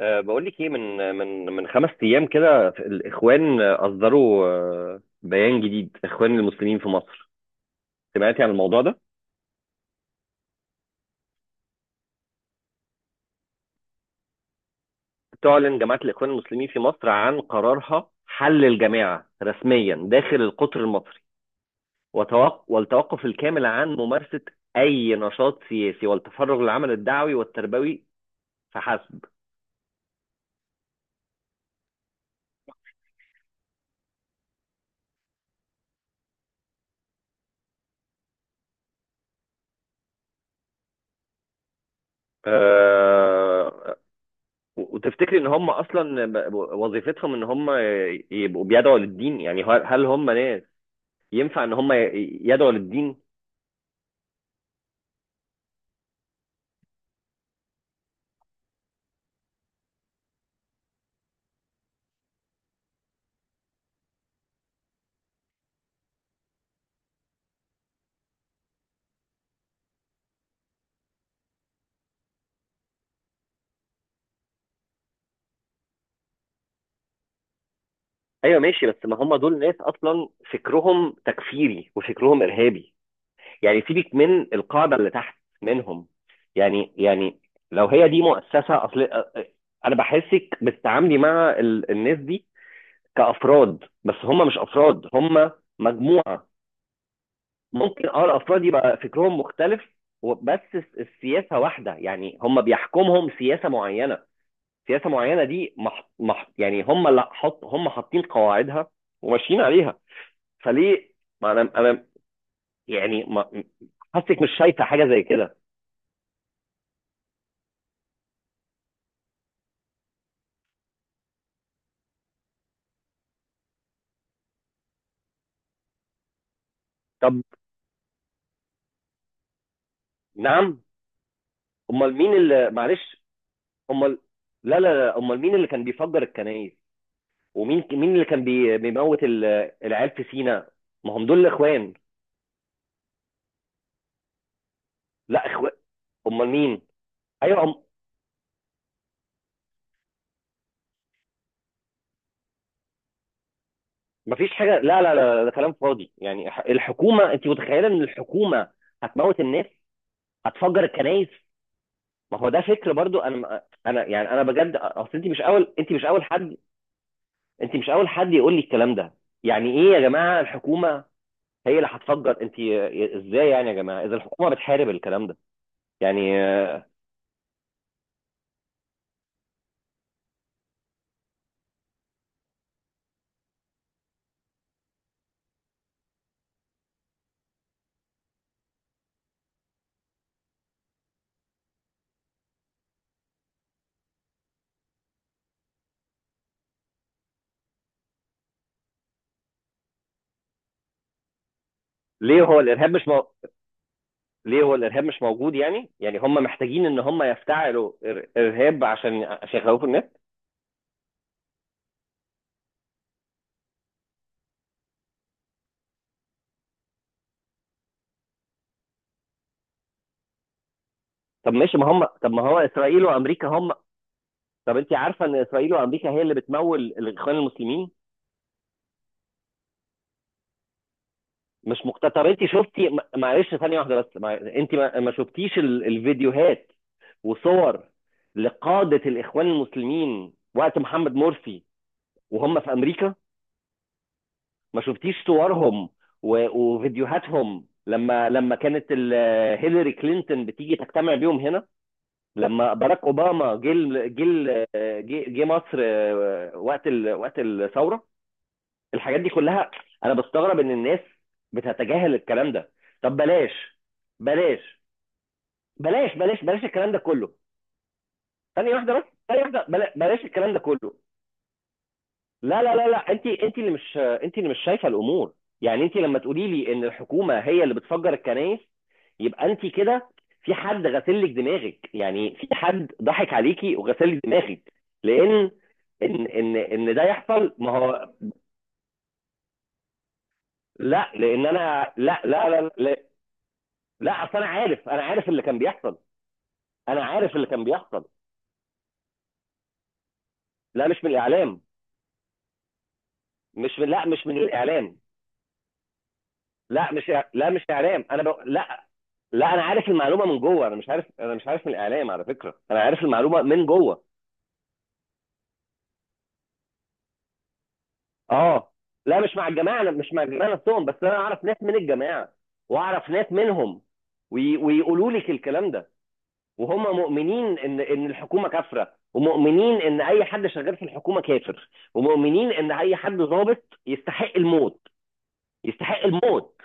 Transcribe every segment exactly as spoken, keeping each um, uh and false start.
أه بقول لك ايه، من من من خمس ايام كده الاخوان اصدروا، آه، بيان جديد. اخوان المسلمين في مصر، سمعتي عن الموضوع ده؟ تعلن جماعه الاخوان المسلمين في مصر عن قرارها حل الجماعه رسميا داخل القطر المصري، وتوق- والتوقف الكامل عن ممارسه اي نشاط سياسي والتفرغ للعمل الدعوي والتربوي فحسب. أه وتفتكري ان هم اصلا ب- وظيفتهم ان هم يبقوا بيدعوا للدين؟ يعني هل هل هم ناس ينفع ان هم يدعوا للدين؟ ايوه ماشي. بس ما هم دول ناس اصلا فكرهم تكفيري وفكرهم ارهابي. يعني سيبك من القاعده اللي تحت منهم. يعني يعني لو هي دي مؤسسه اصل. انا بحسك بتتعاملي مع ال- الناس دي كافراد، بس هم مش افراد، هم مجموعه. ممكن اه الافراد يبقى فكرهم مختلف. و- بس الس- السياسه واحده. يعني هم بيحكمهم سياسه معينه، سياسه معينه دي مح... مح... يعني هم اللي حط هم حاطين قواعدها وماشيين عليها. فليه ما انا انا يعني ما... حاسك مش شايفه حاجه زي كده؟ طب. نعم. امال مين اللي، معلش، امال، لا لا لا، امال مين اللي كان بيفجر الكنائس؟ ومين مين اللي كان بي... بيموت ال... العيال في سينا؟ ما هم دول اخوان. لا اخوان. امال مين؟ ايوه أم... مفيش حاجه. لا لا لا، ده كلام فاضي. يعني الحكومه، انت متخيله ان الحكومه هتموت الناس؟ هتفجر الكنائس؟ ما هو ده فكر برضو. انا ما- انا يعني انا بجد اصل. انت مش اول انت مش اول حد انت مش اول حد يقول لي الكلام ده. يعني ايه يا جماعه الحكومه هي اللي هتفجر؟ انت ازاي؟ يعني يا جماعه اذا الحكومه بتحارب الكلام ده، يعني آه، ليه هو الارهاب مش مو... ليه هو الارهاب مش موجود؟ يعني يعني هم محتاجين ان هم يفتعلوا إر- ارهاب عشان عشان يخوفوا الناس؟ طب ماشي. ما هم طب ما هو اسرائيل وامريكا هم. طب انت عارفه ان اسرائيل وامريكا هي اللي بتمول الاخوان المسلمين؟ مش مقتنع؟ طب انت شفتي، م- معلش، ثانيه واحده بس. مع... انت ما... ما شفتيش ال... الفيديوهات وصور لقاده الاخوان المسلمين وقت محمد مرسي وهم في امريكا؟ ما شفتيش صورهم و... وفيديوهاتهم لما لما كانت ال... هيلاري كلينتون بتيجي تجتمع بيهم هنا؟ لما باراك اوباما جه ال- جه ال- جه جه مصر، آه، وقت ال... وقت الثوره؟ الحاجات دي كلها، انا بستغرب ان الناس بتتجاهل الكلام ده. طب بلاش، بلاش، بلاش، بلاش، بلاش الكلام ده كله. ثانيه واحده بس، ثانيه واحده، بلا- بلاش الكلام ده كله. لا لا لا لا، انت انت اللي مش انت اللي مش شايفه الامور. يعني انت لما تقولي لي ان الحكومه هي اللي بتفجر الكنائس، يبقى انت كده في حد غسل لك دماغك. يعني في حد ضحك عليكي وغسل لك دماغك. لان ان ان ان ده يحصل. ما هو لا، لان انا لا لا لا، لا، لا اصل انا عارف. انا عارف اللي كان بيحصل. انا عارف اللي كان بيحصل. لا، مش من الاعلام. مش من لا، مش من الاعلام. لا مش لا مش اعلام. انا ب... لا. لا انا عارف المعلومه من جوه. انا مش عارف انا مش عارف من الاعلام، على فكره. انا عارف المعلومه من جوه. اه. لا، مش مع الجماعه أنا مش مع الجماعه نفسهم. بس انا اعرف ناس من الجماعه واعرف ناس منهم، وي... ويقولوا لك الكلام ده. وهم مؤمنين ان ان الحكومه كافره، ومؤمنين ان اي حد شغال في الحكومه كافر، ومؤمنين ان اي حد ضابط يستحق الموت. يستحق الموت،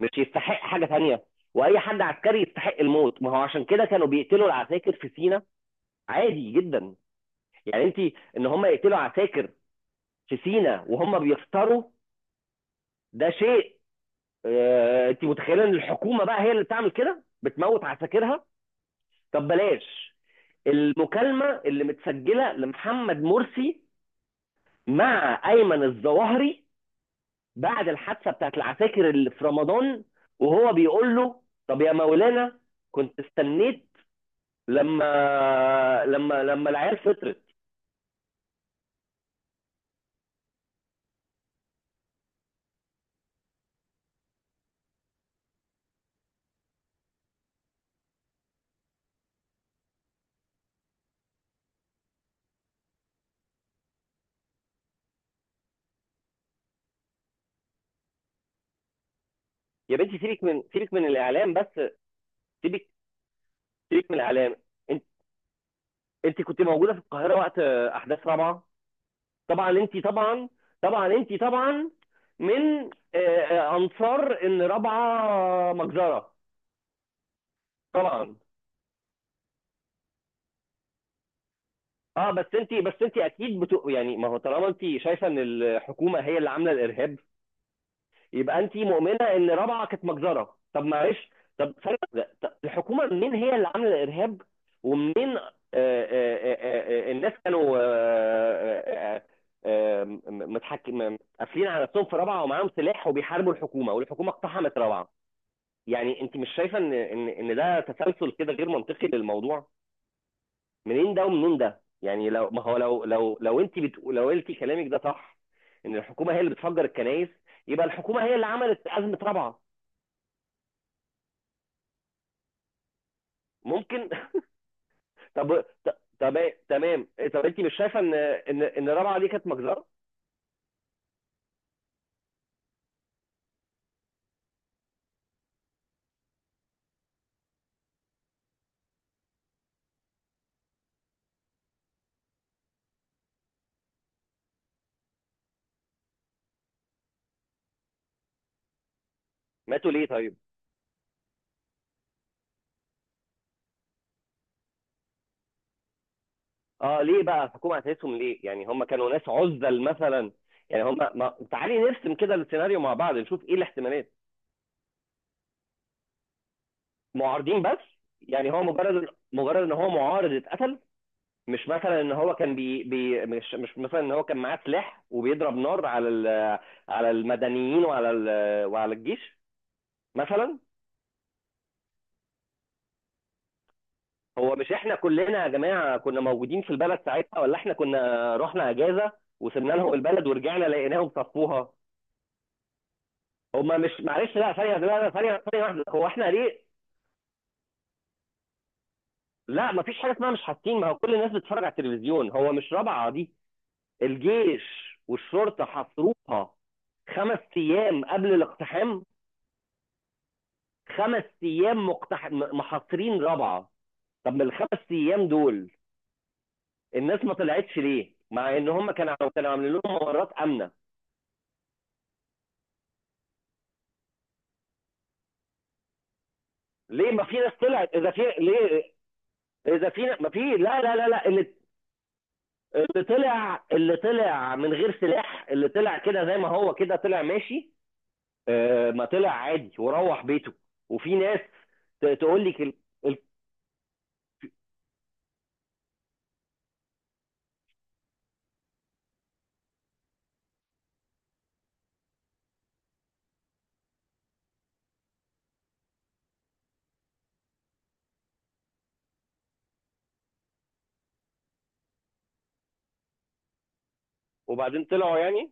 مش يستحق حاجه تانيه. واي حد عسكري يستحق الموت. ما هو عشان كده كانوا بيقتلوا العساكر في سينا، عادي جدا. يعني انت ان هم يقتلوا عساكر في سينا وهم بيفطروا، ده شيء. آه، انت متخيله ان الحكومه بقى هي اللي بتعمل كده بتموت عساكرها؟ طب بلاش. المكالمه اللي متسجله لمحمد مرسي مع ايمن الظواهري بعد الحادثه بتاعت العساكر اللي في رمضان، وهو بيقول له: طب يا مولانا، كنت استنيت لما لما لما العيال فطرت. يا بنتي، سيبك من سيبك من الاعلام بس. سيبك سيبك من الاعلام. انت انت كنت موجوده في القاهره وقت احداث رابعه؟ طبعا انت طبعا. طبعا انت طبعا من آه، آه، انصار ان رابعه مجزره. طبعا. اه، بس انت بس انت اكيد بتق... يعني ما هو طالما انت شايفه ان الحكومه هي اللي عامله الارهاب، يبقى انت مؤمنه ان رابعه كانت مجزره. طب معلش. طب ثانية واحدة، طب الحكومه منين هي اللي عامله الارهاب؟ ومنين؟ آه، آه، آه، آه، آه، الناس كانوا آه، آه، آه، آه، متحكم قافلين على نفسهم في رابعه، ومعاهم سلاح وبيحاربوا الحكومه، والحكومه اقتحمت رابعه. يعني انت مش شايفه ان ان ان ده تسلسل كده غير منطقي للموضوع؟ منين ده ومنين ده؟ يعني لو ما هو لو لو لو انت بتقول، لو انت كلامك ده صح ان الحكومه هي اللي بتفجر الكنائس، يبقى الحكومه هي اللي عملت ازمه رابعه. ممكن. طب، ط- طب تمام. إيه، طب انت مش شايفه ان ان ان الرابعه دي كانت مجزره؟ ماتوا ليه طيب؟ اه، ليه بقى الحكومه هتقيسهم ليه؟ يعني هم كانوا ناس عزل مثلا. يعني هم ما... تعالي نرسم كده السيناريو مع بعض، نشوف ايه الاحتمالات. معارضين بس؟ يعني هو مجرد، مجرد ان هو معارض اتقتل؟ مش مثلا ان هو كان بي... بي... مش مش مثلا ان هو كان معاه سلاح وبيضرب نار على ال... على المدنيين وعلى ال... وعلى الجيش مثلا؟ هو مش احنا كلنا يا جماعه كنا موجودين في البلد ساعتها؟ ولا احنا كنا رحنا اجازه وسيبنا لهم البلد ورجعنا لقيناهم صفوها؟ هما مش معلش. لا ثانيه، لا ثانيه ثانيه واحده. هو احنا ليه؟ لا، مفيش حاجه اسمها مش حاسين. ما هو كل الناس بتتفرج على التلفزيون. هو مش رابعه دي الجيش والشرطه حاصروها خمس ايام قبل الاقتحام؟ خمس ايام مقتح... م- محاصرين رابعه. طب من الخمس ايام دول الناس ما طلعتش ليه؟ مع ان هم كانوا كانوا عاملين لهم ممرات امنه. ليه ما في ناس طلعت؟ اذا في ليه؟ اذا في ما في. لا لا لا لا، اللي اللي طلع اللي طلع من غير سلاح، اللي طلع كده زي ما هو كده طلع ماشي. آه، ما طلع عادي وروح بيته. وفي ناس ت- تقول لك ال- ال- وبعدين طلعوا يعني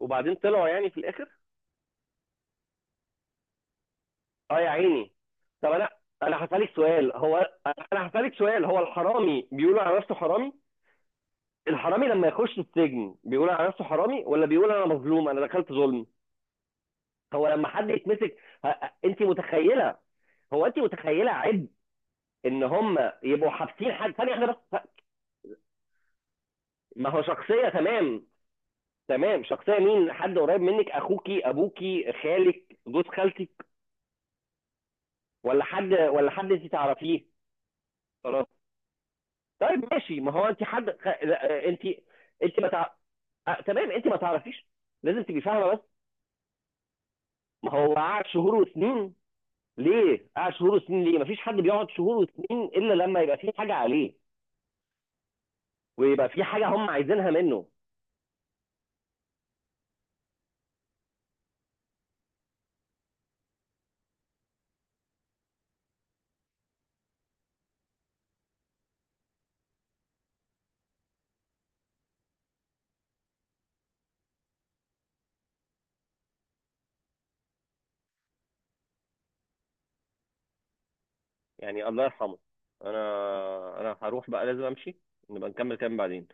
وبعدين طلعوا يعني في الاخر. اه يا عيني. طب انا، انا هسالك سؤال هو انا هسالك سؤال. هو الحرامي بيقول على نفسه حرامي؟ الحرامي لما يخش السجن بيقول على نفسه حرامي، ولا بيقول انا مظلوم انا دخلت ظلم؟ هو لما حد يتمسك، ه- انت متخيله هو انت متخيله عبء ان هم يبقوا حابسين حد؟ ثانيه واحده بس. ما هو شخصيه، تمام. تمام، شخصيه مين؟ حد قريب منك، اخوكي، ابوكي، خالك، جوز خالتك، ولا حد ولا حد انت تعرفيه؟ خلاص. طيب ماشي. ما هو انت حد، خ- لا، انت انت ما تع... آه، تمام، انت ما تعرفيش. لازم تبقي فاهمه بس. ما هو قعد شهور وسنين ليه؟ قعد شهور وسنين ليه؟ ما فيش حد بيقعد شهور وسنين الا لما يبقى في حاجه عليه، ويبقى في حاجة هم عايزينها منه. يعني الله يرحمه. انا انا هروح بقى، لازم امشي. نبقى نكمل كلام بعدين.